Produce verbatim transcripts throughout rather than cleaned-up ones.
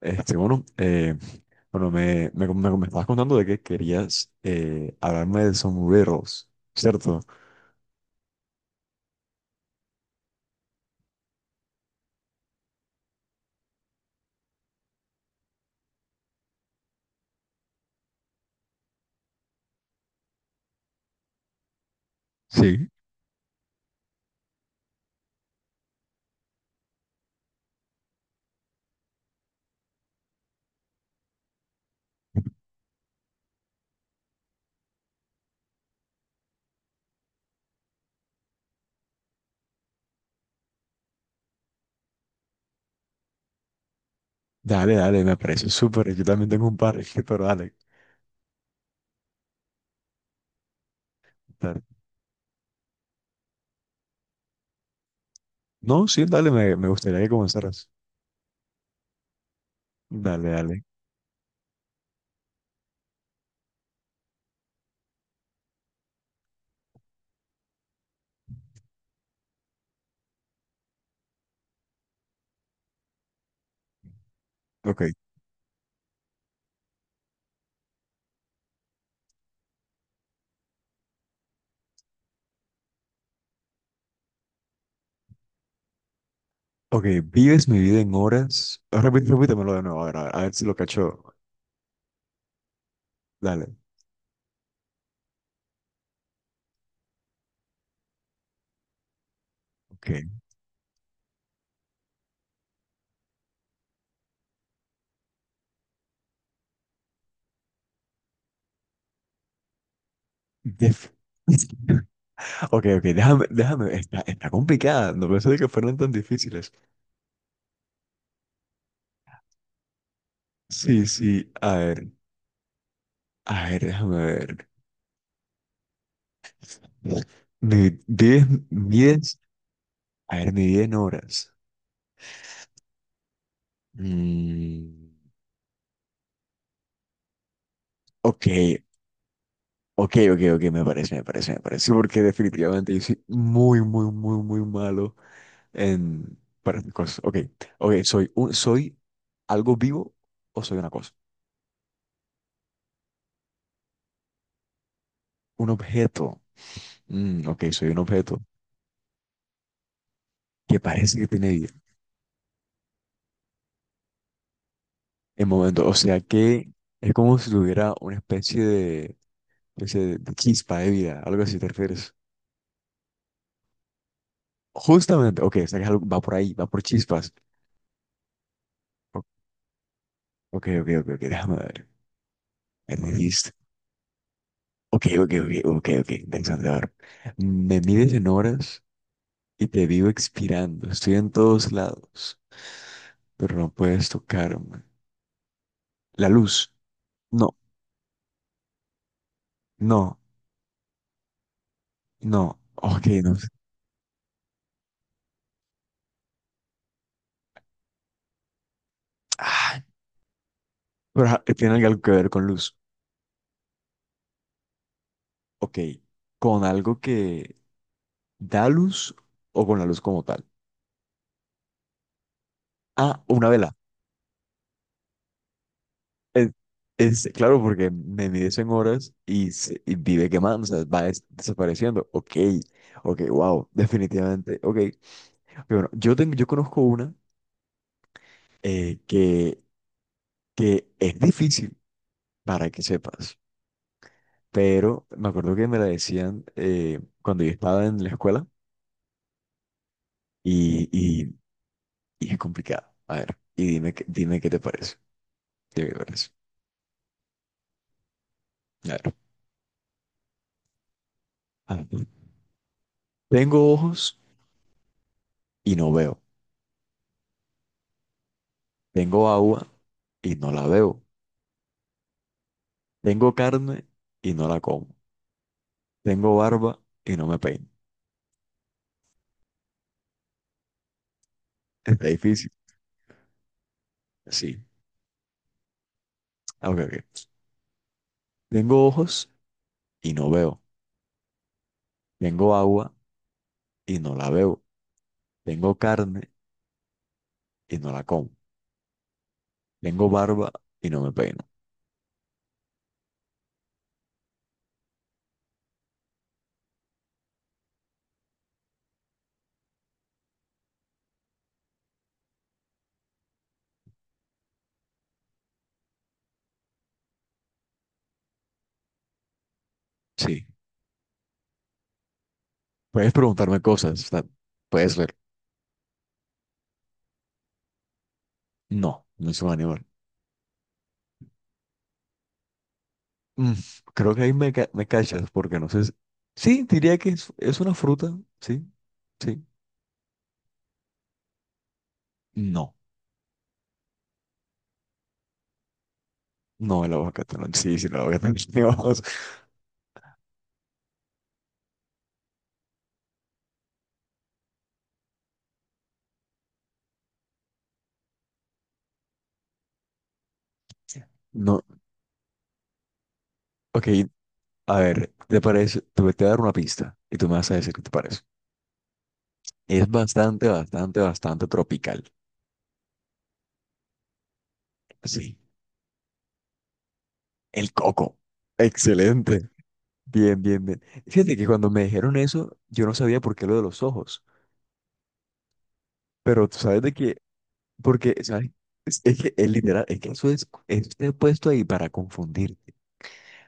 Este, bueno, eh, bueno me, me, me, me estabas contando de que querías eh, hablarme de sombreros, ¿cierto? Sí. Dale, dale, me parece súper. Yo también tengo un par, pero dale, dale. No, sí, dale, me, me gustaría que comenzaras. Dale, dale. Ok. Ok, vives mi vida en horas. Ah, Repí- Repítemelo de nuevo, a ver, a ver, a ver si lo cacho. Dale. Ok. Def- Ok, ok, déjame, déjame. Está, está complicada. No pensé que fueran tan difíciles. Sí, sí. A ver. A ver, déjame ver. Mi diez, diez, a ver, mi vida en horas. Mm, ok, ok, ok, ok, me parece, me parece, me parece, sí, porque definitivamente yo soy muy, muy, muy, muy malo en, para mis cosas. Ok, ok, soy, un, soy algo vivo o soy una cosa. Un objeto. Mm, ok, soy un objeto que parece que tiene vida en momento. O sea que es como si tuviera una especie de, especie de, de chispa de vida, algo así te refieres. Justamente, ok, o sea que es algo- va por ahí, va por chispas. O- Ok, ok, ok, ok, déjame ver. Ernesto. Ok, ok, ok, ok, ok, interesante. A ver. Me mides en horas y te vivo expirando. Estoy en todos lados, pero no puedes tocarme. La luz. No, no, no. Ok, no. sé. Ah, pero ah, tiene algo que ver con luz. Ok, con algo que da luz o con la luz como tal. Ah, una vela. Es, es- claro, porque me mides en horas y, se- y vive quemando, o sea, va des- desapareciendo. Ok, ok, wow, definitivamente. Ok, pero bueno, yo, tengo, yo conozco una eh, que, que es difícil para que sepas, pero me acuerdo que me la decían eh, cuando yo estaba en la escuela y, y, y es complicada. A ver, y dime, qué- dime qué te parece. Dime qué te parece. A ver. A ver. Tengo ojos y no veo. Tengo agua y no la veo. Tengo carne y no la como. Tengo barba y no me peino. Está difícil. Sí. Ah, ok, ok. Tengo ojos y no veo. Tengo agua y no la bebo. Tengo carne y no la como. Tengo barba y no me peino. Sí. Puedes preguntarme cosas, o sea, puede ser. No, no es un animal. Mm, creo que ahí me, ca- me cachas, porque no sé. Si- sí, diría que es, es una fruta, sí, sí. No, no el aguacate, no. Sí, sí, el aguacate. No, vamos. No, ok, a ver, ¿te parece? Te voy te voy a dar una pista y tú me vas a decir qué te parece. Es bastante, bastante, bastante tropical. Sí, el coco. Excelente. Bien, bien, bien. Fíjate que cuando me dijeron eso, yo no sabía por qué lo de los ojos, pero tú sabes de que, porque, ¿sabes? Es, es que es literal, es que eso es, es puesto ahí para confundirte.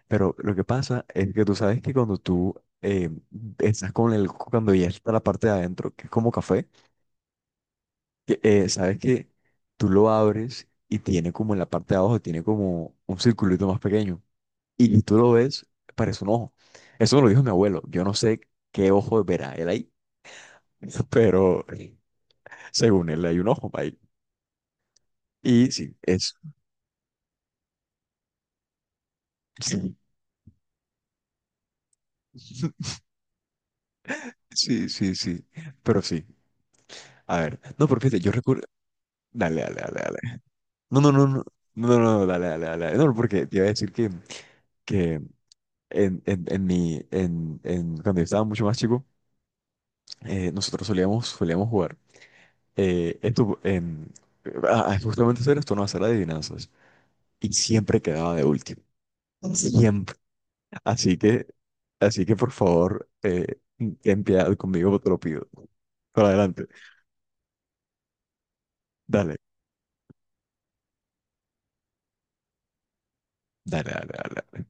Pero lo que pasa es que tú sabes que cuando tú eh, estás con el, cuando ya está la parte de adentro, que es como café, que, eh, sabes que tú lo abres y tiene como en la parte de abajo, tiene como un circulito más pequeño. Y tú lo ves, parece un ojo. Eso me lo dijo mi abuelo. Yo no sé qué ojo verá él ahí, pero según él hay un ojo ahí. Y sí, es... sí. Sí, sí, sí. Pero sí. A ver. No, pero fíjate, yo recuerdo. Dale, dale, dale, dale. No, no, no, no. No, no, no, dale, dale, dale. No, porque te iba a decir que, que en, en, en mi, en, en, cuando yo estaba mucho más chico, eh, nosotros solíamos, solíamos jugar. Eh, esto, en, ah, justamente hacer esto, no hacer adivinanzas. Y siempre quedaba de último. Siempre. Así que, así que por favor, eh, ten piedad conmigo, te lo pido. Por adelante. Dale, dale, dale, dale.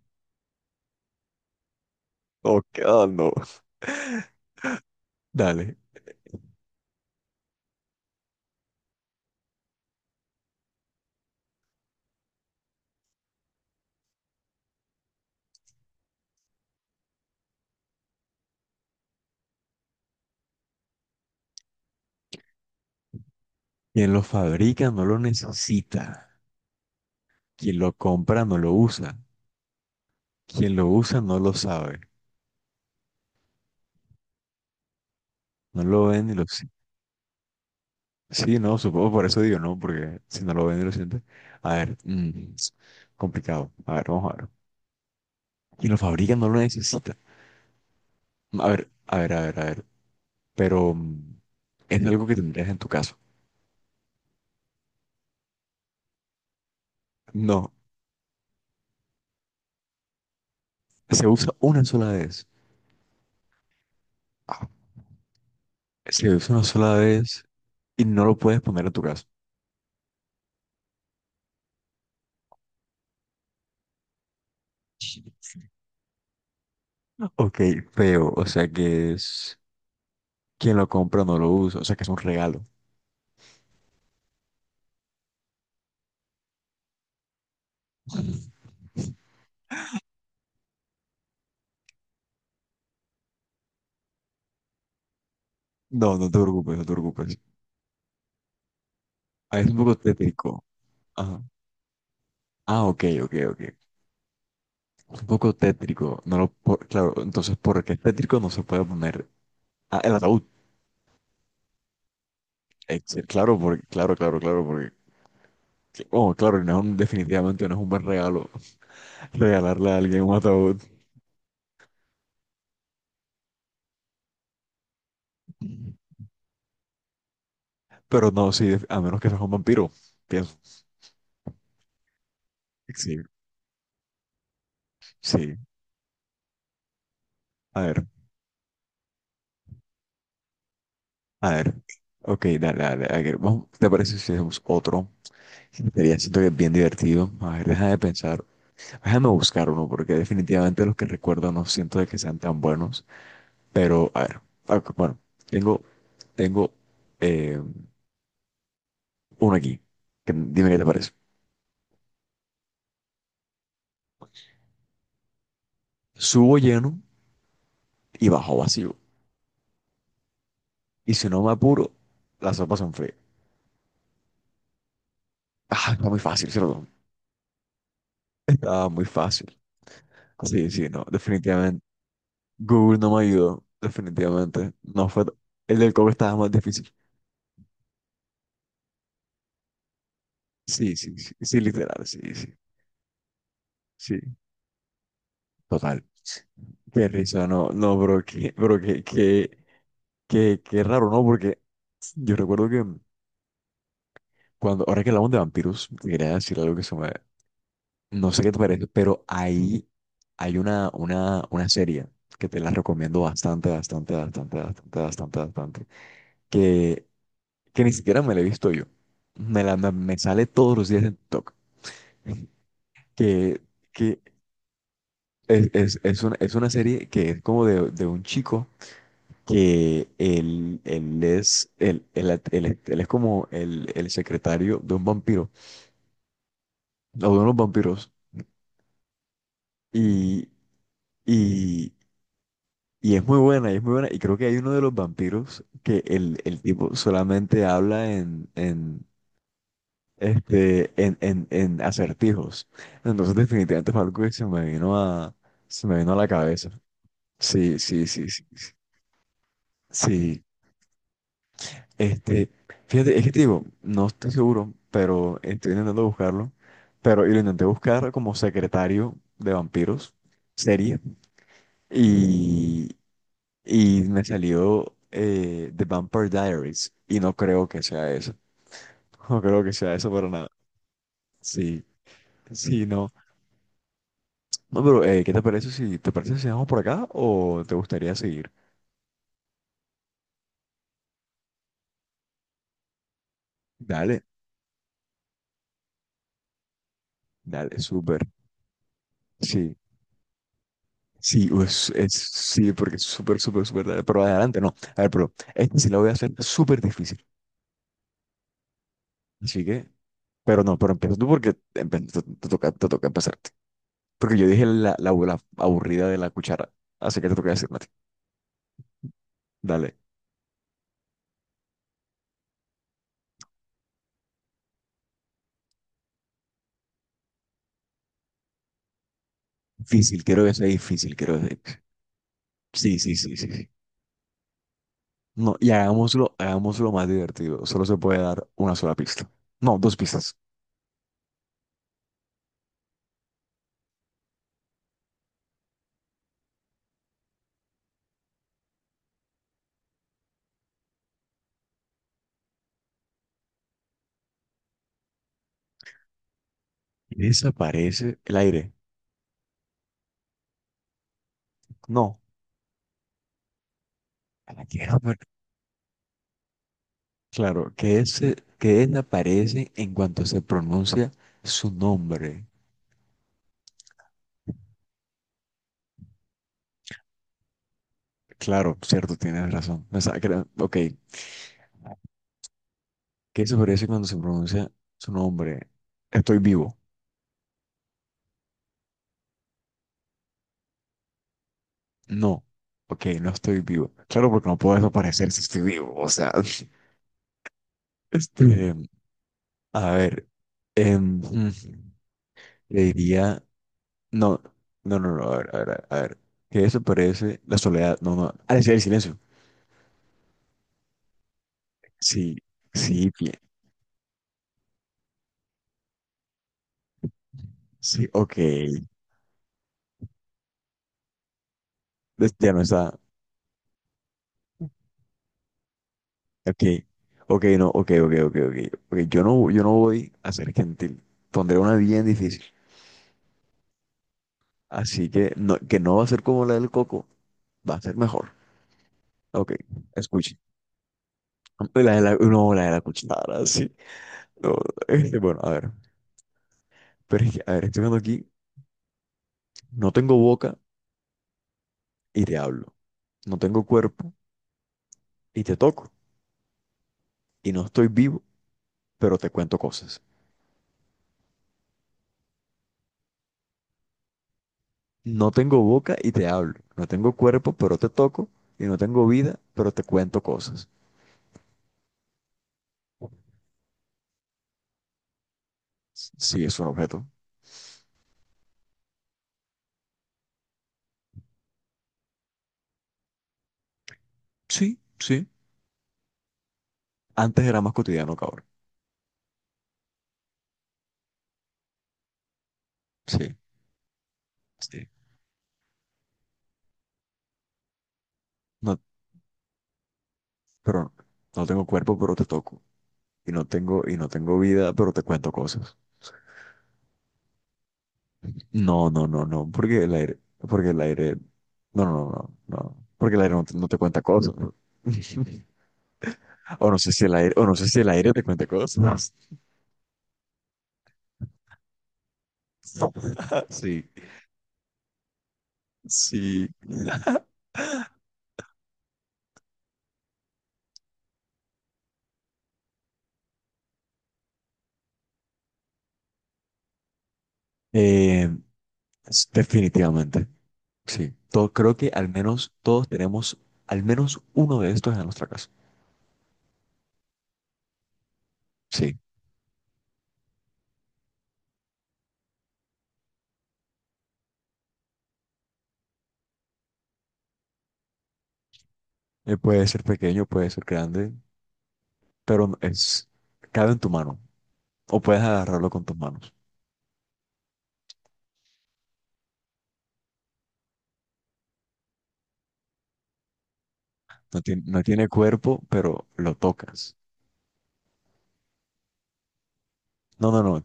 Ok, ah, no. Dale. Quien lo fabrica no lo necesita. Quien lo compra no lo usa. Quien lo usa no lo sabe. No lo ve ni lo siente. Sí, no, supongo por eso digo, no, porque si no lo ve ni lo siente. A ver, mm, complicado. A ver, vamos a ver. Quien lo fabrica no lo necesita. A ver, a ver, a ver, a ver. Pero mm, es algo que tendrías en tu caso. No, se usa una sola vez. Ah, se usa una sola vez y no lo puedes poner en tu casa. Ok, feo, o sea que es quien lo compra no lo usa, o sea que es un regalo. No, no te preocupes, no te preocupes. Ah, es un poco tétrico. Ajá. Ah, ok, ok, ok. Es un poco tétrico. No lo po- claro, entonces, ¿por qué es tétrico? No se puede poner. Ah, el ataúd. Ex- claro, porque, claro, claro, claro, porque. Oh, claro, no es un- definitivamente no es un buen regalo regalarle a alguien un ataúd. Pero no, sí, a menos que seas un vampiro, pienso. Sí, sí. A ver. A ver, ok, dale, dale, a ver, vamos, ¿te parece si hacemos otro? Sería, siento que es bien divertido. A ver, deja de pensar, déjame buscar uno, porque definitivamente los que recuerdo no siento de que sean tan buenos. Pero, a ver, ok, bueno, tengo, tengo eh, uno aquí. Que- dime qué te parece. Subo lleno y bajo vacío. Y si no me apuro, las sopas son frías. Ah, está muy fácil, ¿cierto? Está muy fácil. Sí, sí, no, definitivamente. Google no me ayudó, definitivamente. No fue. El del coco estaba más difícil. Sí, sí, sí, sí, literal, sí, sí, sí, total. Qué risa, no, no, bro, qué, bro, qué, qué, qué, qué raro, ¿no? Porque yo recuerdo que cuando, ahora que hablamos de vampiros, te quería decir algo que se me, no sé qué te parece, pero ahí hay una, una, una serie que te la recomiendo bastante, bastante, bastante, bastante, bastante, bastante, que, que ni siquiera me la he visto yo. Me la, me, me sale todos los días en TikTok. Que, que es, es, es una, es una serie que es como de, de un chico que él, él es, él, él- él es él es como el, el secretario de un vampiro, o de unos vampiros, y, y, y es muy buena, y es muy buena, y creo que hay uno de los vampiros que el, el tipo solamente habla en, en, este, en, en, en acertijos, entonces definitivamente fue algo que se me vino a, se me vino a la cabeza. Sí, sí, sí, sí. Sí, este, fíjate, es que te digo, no estoy seguro, pero estoy intentando buscarlo. Pero y lo intenté buscar como secretario de vampiros, serie, y, y me salió eh, The Vampire Diaries, y no creo que sea eso. No creo que sea eso para nada. Sí, sí, no. No, pero eh, ¿qué te parece si te parece si vamos por acá o te gustaría seguir? Dale, dale, súper. Sí. Sí, es, es- sí, porque es súper, súper, súper tarde. Pero adelante, no. A ver, pero este sí lo voy a hacer súper difícil. Así que, pero no, pero empieza tú porque empe- te, te toca, te toca empezarte. Porque yo dije la, la, la aburrida de la cuchara. Así que te toca decirme a ti. Dale. Difícil, quiero que sea difícil, quiero que sea difícil. Sí, sí, sí, sí, sí. No, y hagámoslo, hagámoslo más divertido. Solo se puede dar una sola pista. No, dos pistas. Desaparece el aire. No. A la quiero. Claro, que es que él aparece en cuanto se pronuncia su nombre. Claro, cierto, tienes razón. O sea, que era- ok, que eso aparece cuando se pronuncia su nombre. Estoy vivo. No, ok, no estoy vivo. Claro, porque no puedo desaparecer si estoy vivo. O sea, este, a ver, em, mm, le diría, no, no, no, no, a ver, a ver, a ver, que eso aparece la soledad. No, no, ah, decía el silencio. Sí, sí, bien. Sí, ok. Este, ya no está. Ok. Ok, no. Ok, ok, ok, ok, ok, Yo no, yo no voy a ser gentil. Pondré una bien difícil. Así que no, que no va a ser como la del coco. Va a ser mejor. Ok, escuche. La de la, no, la de la cuchara, sí. No, este, bueno, a ver. Pero es que, a ver, estoy viendo aquí. No tengo boca y te hablo. No tengo cuerpo y te toco. Y no estoy vivo, pero te cuento cosas. No tengo boca y te hablo. No tengo cuerpo, pero te toco. Y no tengo vida, pero te cuento cosas. Sí, es un objeto. Sí, sí. Antes era más cotidiano, cabrón. Sí, sí. No, pero no tengo cuerpo, pero te toco. Y no tengo, y no tengo vida, pero te cuento cosas. No, no, no, no. Porque el aire, porque el aire. No, no, no, no. No, porque el aire no te, no te cuenta cosas. O no sé si el aire, o no sé si el aire te cuenta cosas. Sí, sí. Eh, Es- definitivamente, sí. Todo, creo que al menos todos tenemos al menos uno de estos en nuestra casa. Sí. Eh, puede ser pequeño, puede ser grande, pero no- es, cabe en tu mano. O puedes agarrarlo con tus manos. No tiene, no tiene cuerpo, pero lo tocas. No, no, no,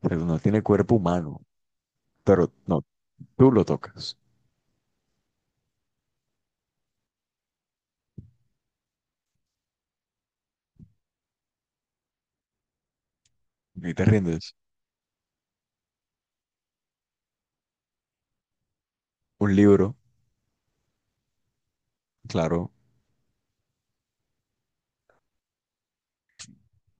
pero no tiene cuerpo humano, pero no, tú lo tocas. Y te rindes. Un libro, claro.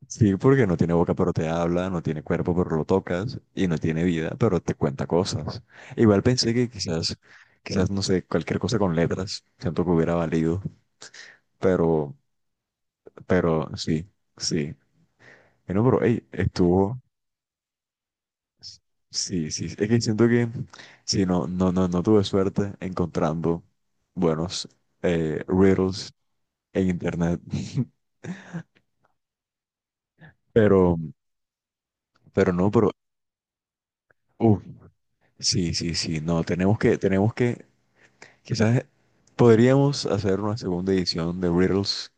Sí, porque no tiene boca pero te habla, no tiene cuerpo pero lo tocas y no tiene vida pero te cuenta cosas. Igual pensé que quizás, quizás no sé, cualquier cosa con letras, siento que hubiera valido, pero, pero sí, sí. Bueno, pero hey, estuvo, sí, sí, es que siento que sí, no, no, no, no tuve suerte encontrando buenos eh, riddles en internet, pero, pero no, pero, uff, sí, sí, sí, no, tenemos que, tenemos que quizás podríamos hacer una segunda edición de Riddles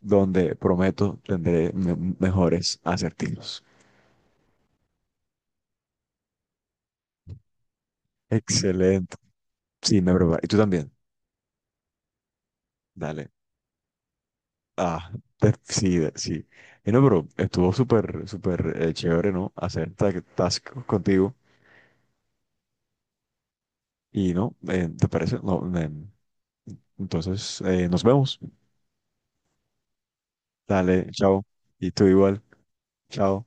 donde prometo tendré me- mejores acertijos. Excelente. Sí, me preparo. Y tú también. Dale. Ah, te- sí, de- sí. Y no, pero estuvo súper, súper eh, chévere, ¿no? Hacer ta- task contigo. Y no, eh, ¿te parece? No, me- entonces, eh, nos vemos. Dale, chao. Y tú igual. Chao.